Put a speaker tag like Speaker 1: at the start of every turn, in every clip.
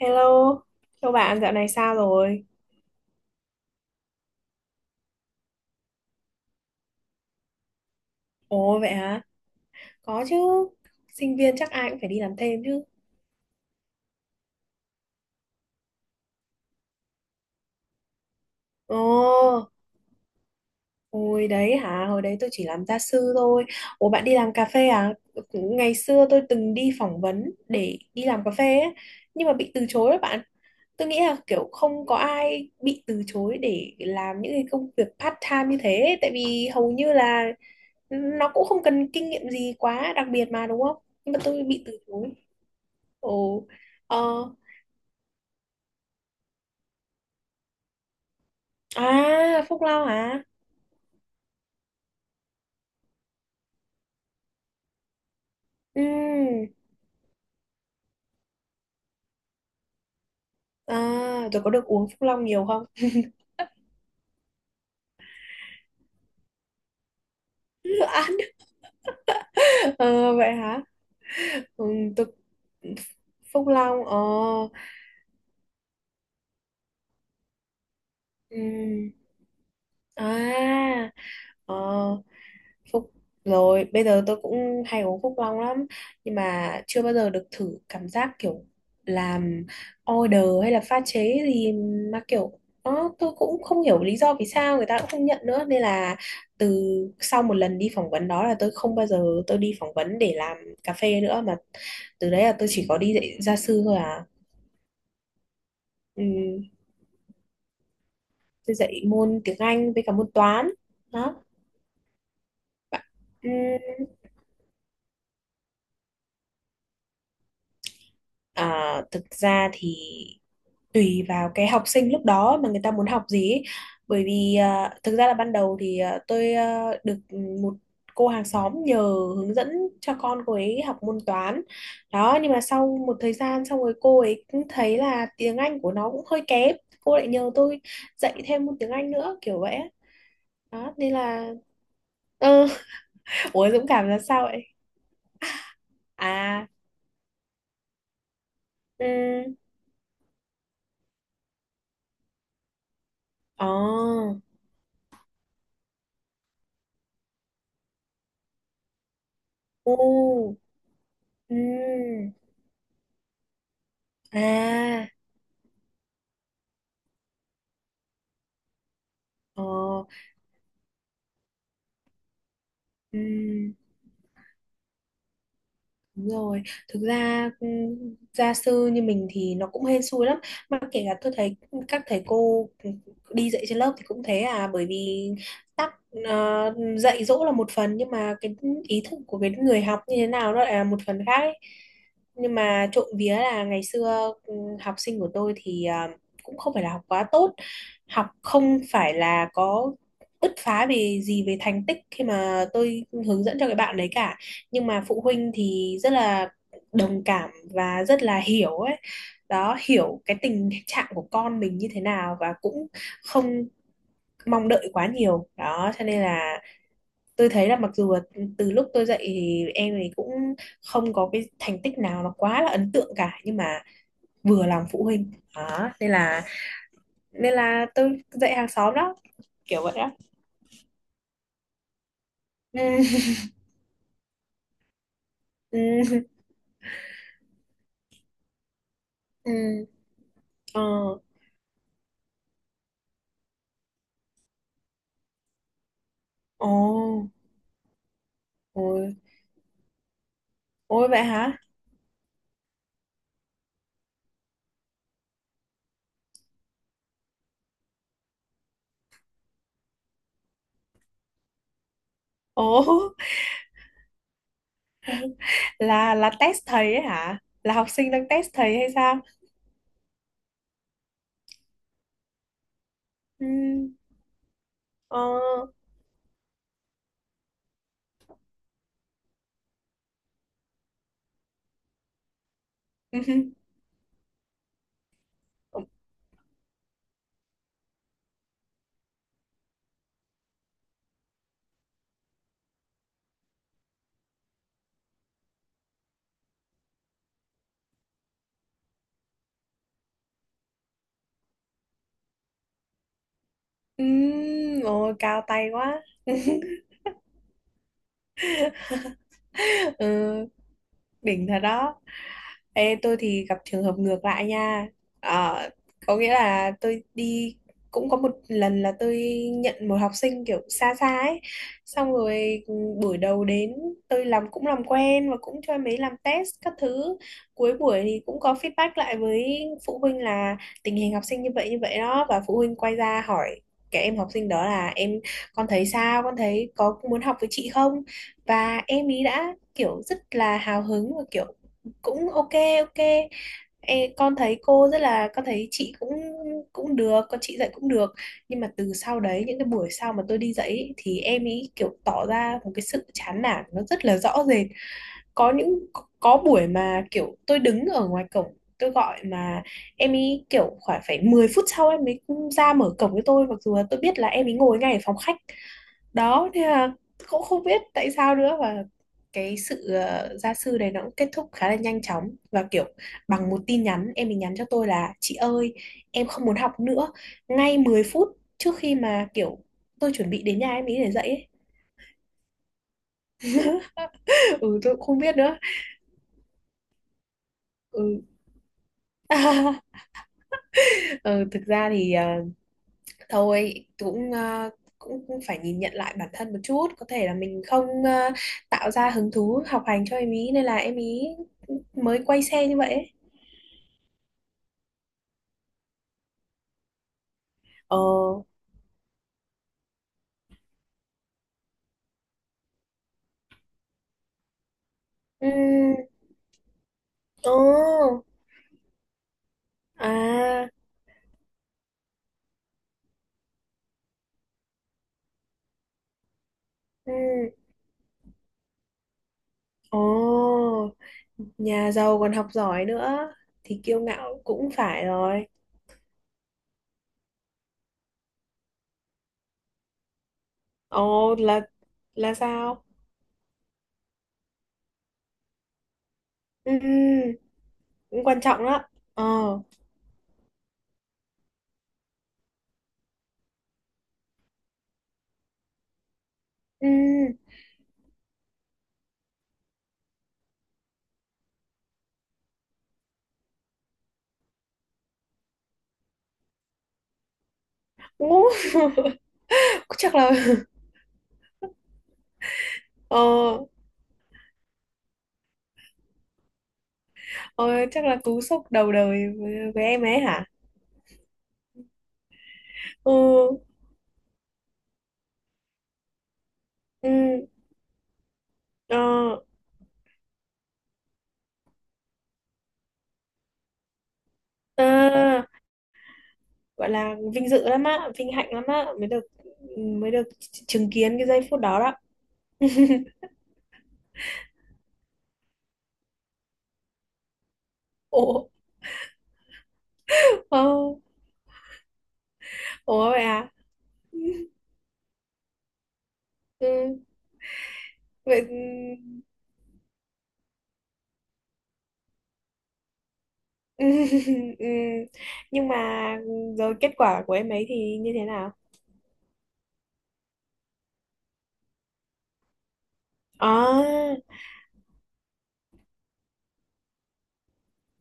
Speaker 1: Hello, chào bạn, dạo này sao rồi? Ồ vậy hả? Có chứ, sinh viên chắc ai cũng phải đi làm thêm chứ. Ồ, hồi đấy hả? Hồi đấy tôi chỉ làm gia sư thôi. Ồ bạn đi làm cà phê à? Ngày xưa tôi từng đi phỏng vấn để đi làm cà phê ấy, nhưng mà bị từ chối đó bạn. Tôi nghĩ là kiểu không có ai bị từ chối để làm những cái công việc part time như thế, tại vì hầu như là nó cũng không cần kinh nghiệm gì quá đặc biệt mà, đúng không? Nhưng mà tôi bị từ chối. Ồ. Ờ. À, Phúc Long hả? Ừ. À, tôi có được uống Phúc Long nhiều không? Ăn. Ờ, vậy hả? Ừ, tôi Phúc Long. Ờ. Ừ. À. Ờ. Phúc rồi bây giờ tôi cũng hay uống Phúc Long lắm, nhưng mà chưa bao giờ được thử cảm giác kiểu làm order hay là pha chế gì, mà kiểu đó tôi cũng không hiểu lý do vì sao người ta cũng không nhận nữa, nên là từ sau một lần đi phỏng vấn đó là tôi không bao giờ tôi đi phỏng vấn để làm cà phê nữa, mà từ đấy là tôi chỉ có đi dạy gia sư thôi à. ừ, tôi dạy môn tiếng Anh với cả môn toán đó. Bạn- ừ, À, thực ra thì tùy vào cái học sinh lúc đó mà người ta muốn học gì ấy. Bởi vì thực ra là ban đầu thì tôi được một cô hàng xóm nhờ hướng dẫn cho con cô ấy học môn toán đó, nhưng mà sau một thời gian xong rồi cô ấy cũng thấy là tiếng Anh của nó cũng hơi kém, cô lại nhờ tôi dạy thêm môn tiếng Anh nữa kiểu vậy á. Đó nên là ừ. Ủa, Dũng cảm là sao vậy? À ừ. Ồ. Ừ. Ừ. À, ờ, ừm, đúng rồi, thực ra ừ, gia sư như mình thì nó cũng hên xui lắm. Mà kể cả tôi thấy các thầy cô đi dạy trên lớp thì cũng thế à. Bởi vì tắc dạy dỗ là một phần, nhưng mà cái ý thức của cái người học như thế nào nó lại là một phần khác ấy. Nhưng mà trộm vía là ngày xưa học sinh của tôi thì cũng không phải là học quá tốt. Học không phải là có bứt phá về gì về thành tích khi mà tôi hướng dẫn cho cái bạn đấy cả, nhưng mà phụ huynh thì rất là đồng cảm và rất là hiểu ấy. Đó, hiểu cái tình trạng của con mình như thế nào và cũng không mong đợi quá nhiều đó, cho nên là tôi thấy là mặc dù là từ lúc tôi dạy thì em ấy cũng không có cái thành tích nào nó quá là ấn tượng cả, nhưng mà vừa lòng phụ huynh đó nên là tôi dạy hàng xóm đó kiểu vậy đó. Ừ ừ ừ ừ. Ờ. Ồ. Ôi ôi vậy hả? Ồ, là test thầy ấy hả, là học sinh đang test thầy hay sao? Ừ, ờ, ừ, ừ, cao tay quá. Ừ. Đỉnh thật đó. Ê, tôi thì gặp trường hợp ngược lại nha. Ờ, có nghĩa là tôi đi cũng có một lần là tôi nhận một học sinh kiểu xa xa ấy, xong rồi buổi đầu đến tôi làm cũng làm quen và cũng cho em ấy làm test các thứ. Cuối buổi thì cũng có feedback lại với phụ huynh là tình hình học sinh như vậy đó, và phụ huynh quay ra hỏi cái em học sinh đó là em con thấy sao, con thấy có muốn học với chị không, và em ý đã kiểu rất là hào hứng và kiểu cũng ok ok. Ê, con thấy cô rất là con thấy chị cũng cũng được, con chị dạy cũng được. Nhưng mà từ sau đấy những cái buổi sau mà tôi đi dạy ý, thì em ấy kiểu tỏ ra một cái sự chán nản nó rất là rõ rệt. Có những có buổi mà kiểu tôi đứng ở ngoài cổng tôi gọi mà em ấy kiểu khoảng phải 10 phút sau em ấy ra mở cổng với tôi, mặc dù là tôi biết là em ấy ngồi ngay ở phòng khách. Đó thế là cũng không biết tại sao nữa, và cái sự gia sư này nó cũng kết thúc khá là nhanh chóng và kiểu bằng một tin nhắn em ấy nhắn cho tôi là chị ơi em không muốn học nữa, ngay 10 phút trước khi mà kiểu tôi chuẩn bị đến nhà em ấy để dạy ấy. Ừ, tôi cũng không biết nữa. Ừ, ừ thực ra thì thôi cũng cũng cũng phải nhìn nhận lại bản thân một chút, có thể là mình không tạo ra hứng thú học hành cho em ý nên là em ý mới quay xe như vậy ấy. Ờ. Ừ. Ồ. À. Ừ. Ồ. Nhà giàu còn học giỏi nữa thì kiêu ngạo cũng phải rồi. Ồ, là sao? Ừ. Ừ, cũng quan trọng đó. Ờ. Ừ. Ú, chắc là. Ờ. Ờ, chắc là cú sốc đầu đời với em ấy hả. Ừ. Ừ. Ờ. À, gọi là vinh dự lắm á, vinh hạnh lắm á mới được, mới được chứng kiến cái giây phút đó đó. Ủa. Ồ. Ủa vậy à. Ừ, vậy ừ, ừ. Nhưng mà rồi kết quả của em ấy thì như thế nào? À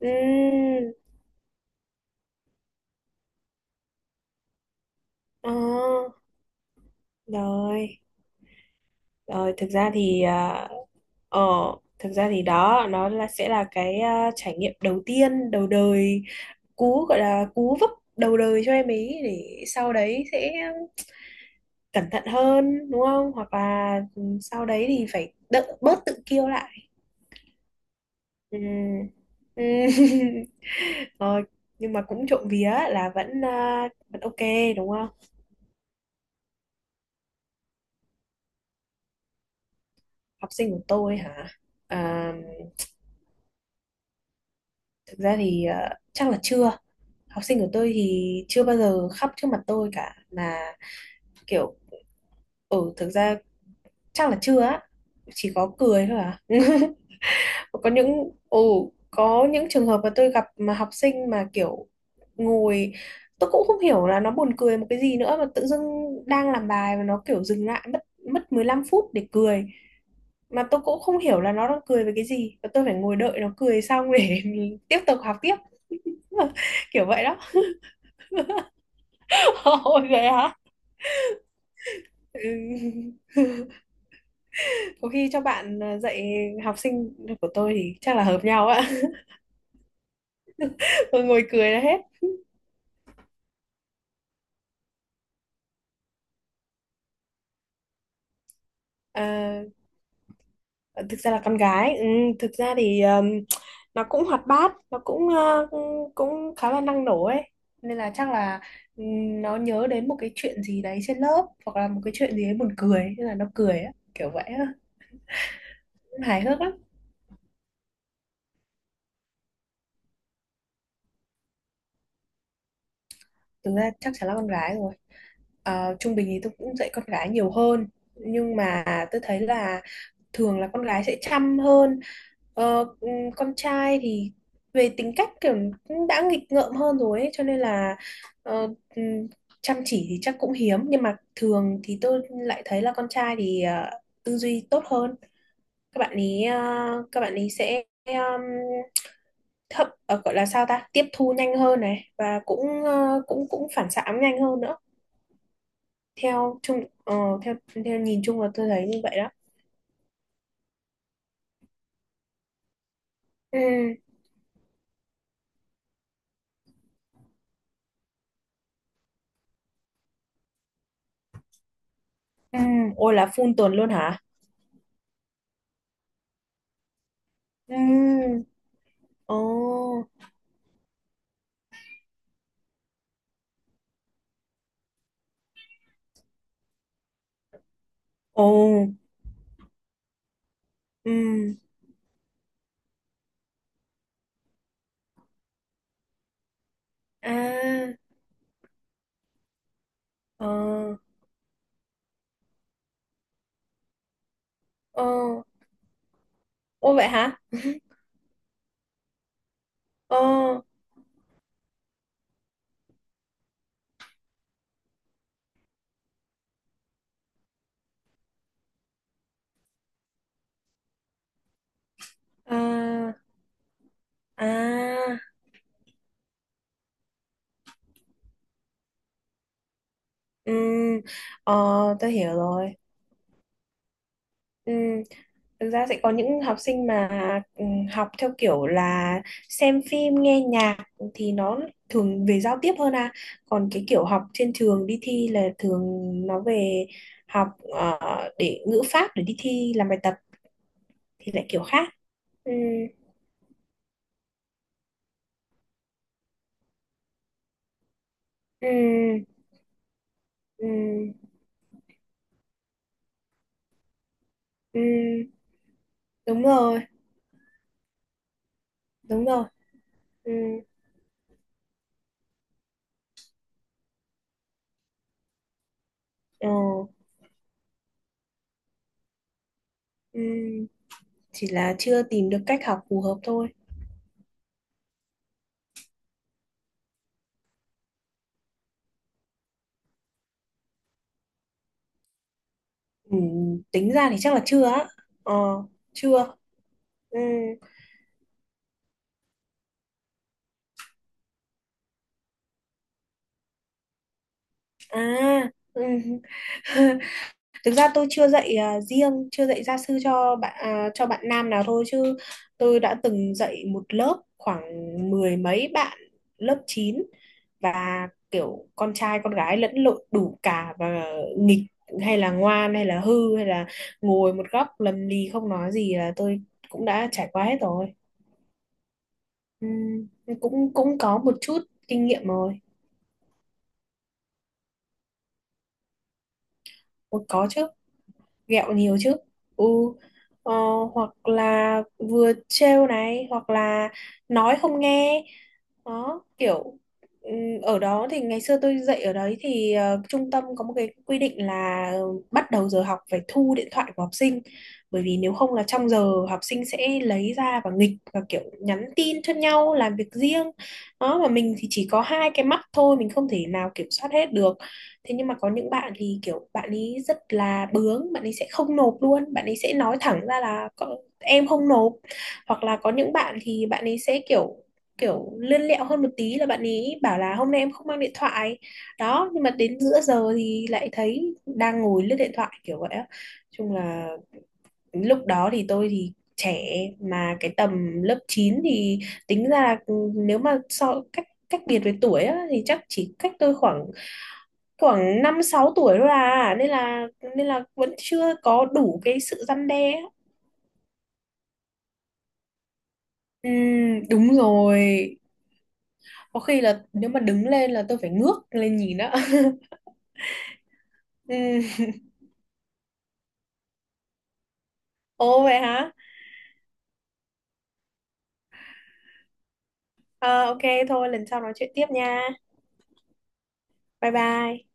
Speaker 1: ừ, à, rồi rồi thực ra thì ờ thực ra thì đó nó là sẽ là cái trải nghiệm đầu tiên đầu đời, cú gọi là cú vấp đầu đời cho em ấy để sau đấy sẽ cẩn thận hơn đúng không, hoặc là sau đấy thì phải đỡ bớt tự kiêu lại. Ừ. Ừ. Ờ, nhưng mà cũng trộm vía là vẫn vẫn ok đúng không. Học sinh của tôi hả? À, thực ra thì chắc là chưa. Học sinh của tôi thì chưa bao giờ khóc trước mặt tôi cả mà, kiểu ừ thực ra chắc là chưa á. Chỉ có cười thôi à. Có những ồ có những trường hợp mà tôi gặp mà học sinh mà kiểu ngồi tôi cũng không hiểu là nó buồn cười một cái gì nữa mà tự dưng đang làm bài mà nó kiểu dừng lại mất mất 15 phút để cười, mà tôi cũng không hiểu là nó đang cười về cái gì và tôi phải ngồi đợi nó cười xong để tiếp tục học tiếp. Kiểu vậy đó. Ôi vậy hả? Ừ. Có khi cho bạn dạy học sinh của tôi thì chắc là hợp nhau á. Tôi ngồi cười là hết. Ờ, ờ, thực ra là con gái ừ, thực ra thì nó cũng hoạt bát, nó cũng cũng cũng khá là năng nổ ấy, nên là chắc là nó nhớ đến một cái chuyện gì đấy trên lớp hoặc là một cái chuyện gì đấy buồn cười nên là nó cười á, kiểu vậy á. Hài hước lắm. Thực ra chắc chắn là con gái rồi. Ờ, trung bình thì tôi cũng dạy con gái nhiều hơn, nhưng mà tôi thấy là thường là con gái sẽ chăm hơn. Ờ, con trai thì về tính cách kiểu cũng đã nghịch ngợm hơn rồi ấy, cho nên là ờ, ừm, chăm chỉ thì chắc cũng hiếm, nhưng mà thường thì tôi lại thấy là con trai thì tư duy tốt hơn. Các bạn ý các bạn ý sẽ thậm gọi là sao ta, tiếp thu nhanh hơn này và cũng cũng cũng phản xạ nhanh hơn nữa. Theo chung ờ, theo theo nhìn chung là tôi thấy như vậy đó. Ừ. Ừ. Ôi là phun tuần luôn hả? Ừ. Ồ. Ồ. Ừ. À. Ờ. Ờ. Ô vậy hả? Ờ. À. À. Ừ. Ờ. Tôi hiểu rồi. Ừ, thực ra sẽ có những học sinh mà ừ, học theo kiểu là xem phim, nghe nhạc thì nó thường về giao tiếp hơn à. Còn cái kiểu học trên trường đi thi là thường nó về học ờ, để ngữ pháp để đi thi làm bài tập thì lại kiểu khác. Ừ, ừ, ừ, ừ, đúng rồi, đúng rồi. Ừ, ờ, ừ, chỉ là chưa tìm được cách học phù hợp thôi. Ừ, tính ra thì chắc là chưa á. Ờ, chưa. Ừ. À. Ừ. Thực ra tôi chưa dạy riêng, chưa dạy gia sư cho bạn cho bạn nam nào thôi chứ tôi đã từng dạy một lớp khoảng mười mấy bạn lớp 9 và kiểu con trai con gái lẫn lộn đủ cả, và nghịch hay là ngoan hay là hư hay là ngồi một góc lầm lì không nói gì là tôi cũng đã trải qua hết rồi. Ừ. Cũng cũng có một chút kinh nghiệm rồi. Ủa, có chứ. Ghẹo nhiều chứ. Ừ. Ờ, hoặc là vừa trêu này hoặc là nói không nghe đó, kiểu ở đó thì ngày xưa tôi dạy ở đấy thì trung tâm có một cái quy định là bắt đầu giờ học phải thu điện thoại của học sinh, bởi vì nếu không là trong giờ học sinh sẽ lấy ra và nghịch và kiểu nhắn tin cho nhau làm việc riêng. Đó mà mình thì chỉ có hai cái mắt thôi, mình không thể nào kiểm soát hết được. Thế nhưng mà có những bạn thì kiểu bạn ấy rất là bướng, bạn ấy sẽ không nộp luôn, bạn ấy sẽ nói thẳng ra là "Cậu- em không nộp". Hoặc là có những bạn thì bạn ấy sẽ kiểu kiểu lươn lẹo hơn một tí là bạn ý bảo là hôm nay em không mang điện thoại. Đó nhưng mà đến giữa giờ thì lại thấy đang ngồi lướt điện thoại kiểu vậy á. Chung là lúc đó thì tôi thì trẻ, mà cái tầm lớp 9 thì tính ra là ừ, nếu mà so cách cách biệt với tuổi á, thì chắc chỉ cách tôi khoảng khoảng 5, 6 tuổi thôi à, nên là vẫn chưa có đủ cái sự răn đe á. Ừ, đúng rồi. Có khi là nếu mà đứng lên là tôi phải ngước lên nhìn á. Ừ. Ồ vậy hả? Ờ, ok, thôi lần sau nói chuyện tiếp nha. Bye bye.